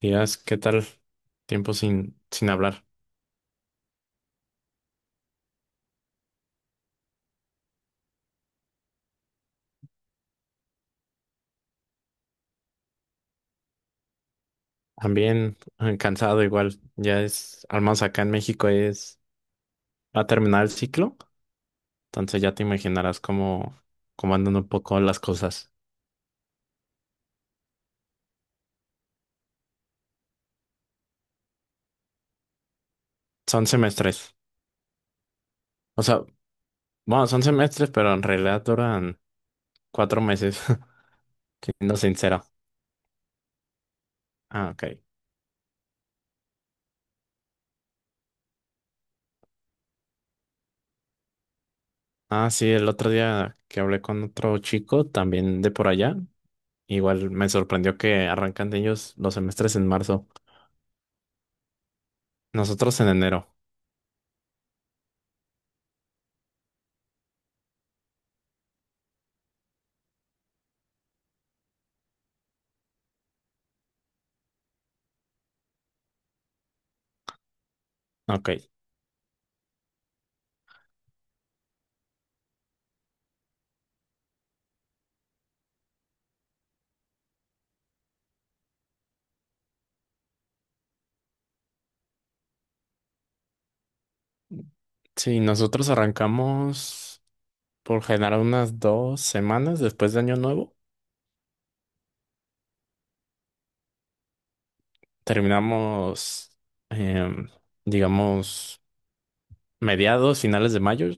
Días, ¿qué tal? Tiempo sin hablar. También cansado igual. Ya es, al menos acá en México es, va a terminar el ciclo. Entonces ya te imaginarás cómo andan un poco las cosas. Son semestres. O sea, bueno, son semestres, pero en realidad duran 4 meses, siendo sincero. Ah, ok. Ah, sí, el otro día que hablé con otro chico, también de por allá. Igual me sorprendió que arrancan de ellos los semestres en marzo. Nosotros en enero. Ok. Sí, nosotros arrancamos por generar unas 2 semanas después de Año Nuevo. Terminamos, em, digamos, mediados, finales de mayo.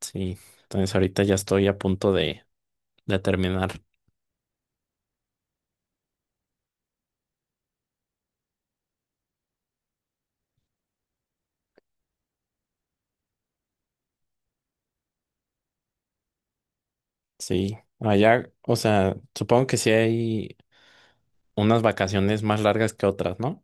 Sí, entonces ahorita ya estoy a punto de terminar. Sí, allá, o sea, supongo que sí hay unas vacaciones más largas que otras, ¿no?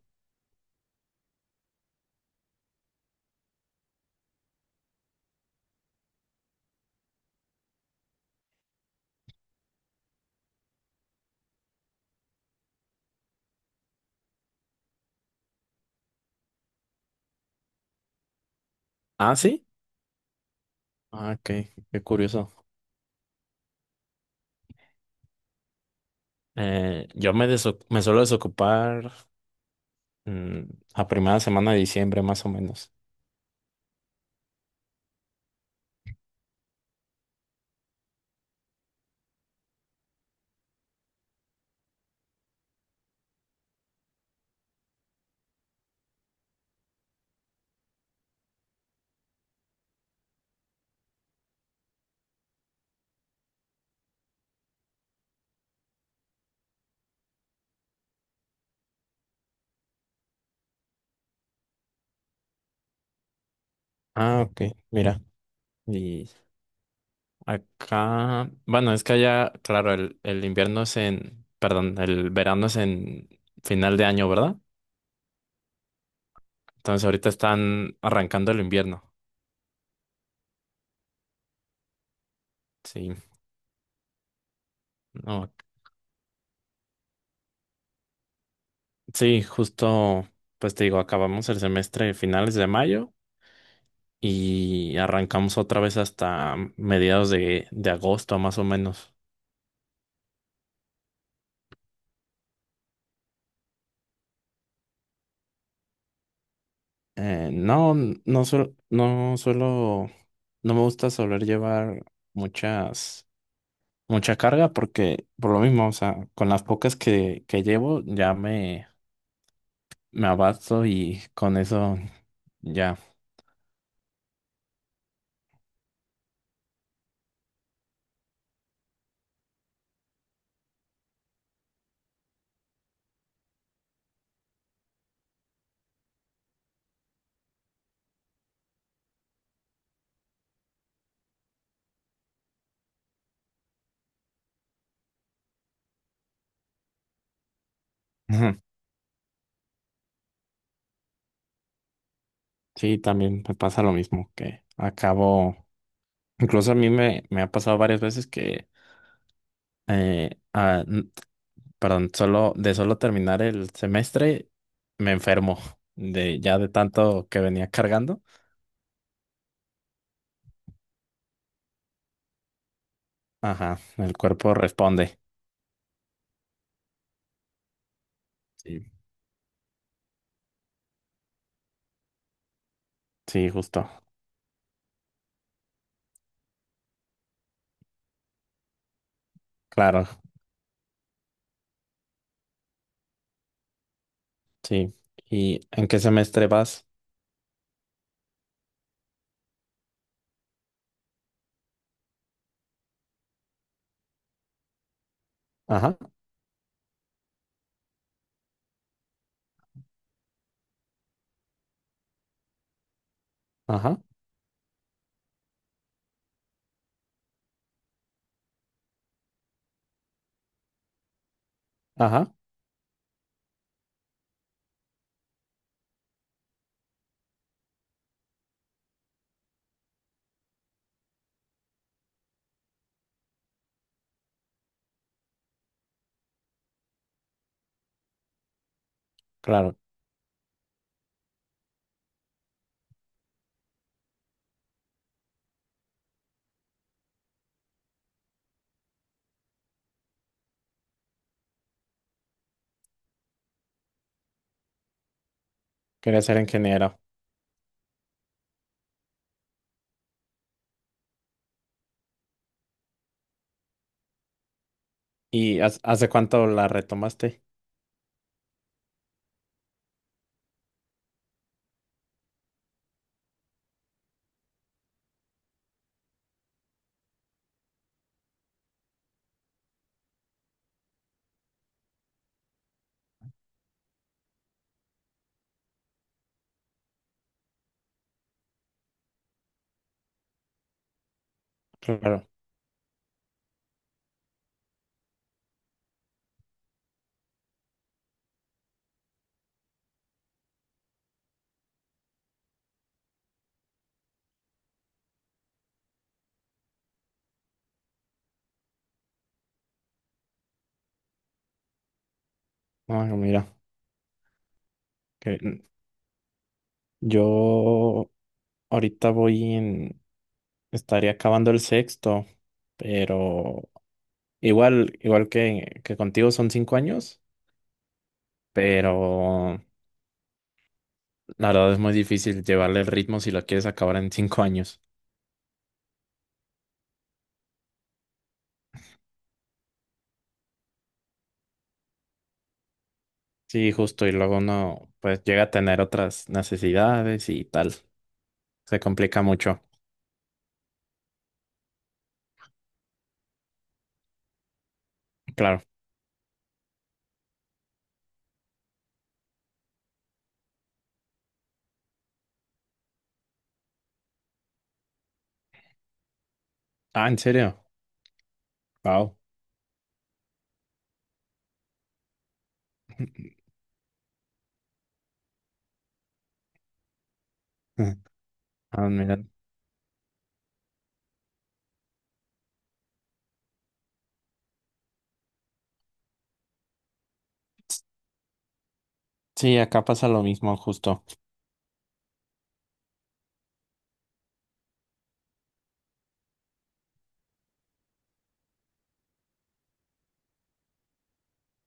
Ah, sí. Ah, qué curioso. Yo me suelo desocupar mm, a primera semana de diciembre, más o menos. Ah, ok, mira. Y acá, bueno, es que allá, claro, el invierno es en, perdón, el verano es en final de año, ¿verdad? Entonces ahorita están arrancando el invierno. Sí, no, sí, justo, pues te digo, acabamos el semestre finales de mayo y arrancamos otra vez hasta mediados de agosto, más o menos. No, no suelo, no me gusta soler llevar muchas. Mucha carga porque por lo mismo, o sea, con las pocas que llevo ya me abasto y con eso ya. Ujú. Sí, también me pasa lo mismo que acabo, incluso a mí me ha pasado varias veces que, eh, ah, n- perdón, solo de solo terminar el semestre me enfermo de ya de tanto que venía cargando. Ajá, el cuerpo responde. Sí, sí, justo. Claro, sí. ¿Y en qué semestre vas? Ajá. Ajá, ajá, claro. Quería ser ingeniero. ¿Y hace cuánto la retomaste? Claro. Ah, mira, que yo ahorita voy en, estaría acabando el sexto, pero igual que contigo son 5 años, pero la verdad es muy difícil llevarle el ritmo si lo quieres acabar en 5 años. Sí, justo, y luego uno pues llega a tener otras necesidades y tal. Se complica mucho. Claro. Ah, ¿en serio? Wow. Ah, mira. Sí, acá pasa lo mismo, justo.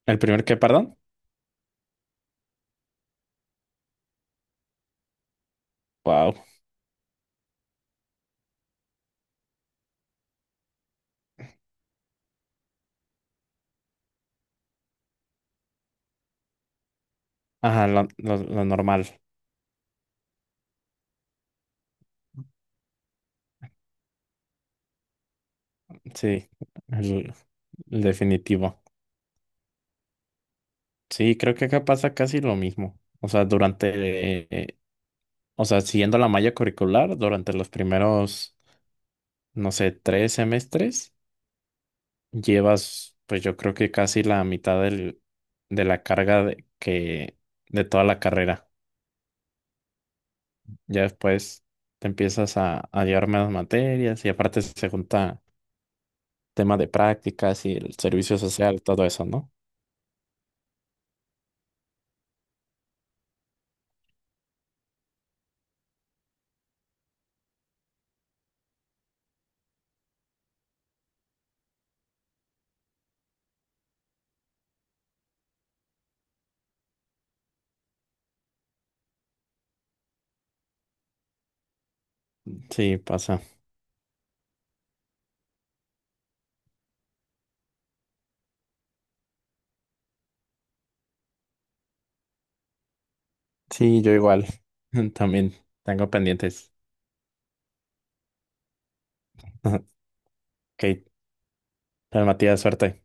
¿El primer qué, perdón? Wow. Ajá, lo normal. Sí, el, el definitivo. Sí, creo que acá pasa casi lo mismo. O sea, durante, eh, o sea, siguiendo la malla curricular, durante los primeros, no sé, 3 semestres, llevas, pues yo creo que casi la mitad de la carga de toda la carrera. Ya después te empiezas a llevar menos materias y aparte se junta tema de prácticas y el servicio social, todo eso, ¿no? Sí, pasa. Sí, yo igual. También tengo pendientes. Ok, pues, Matías, suerte.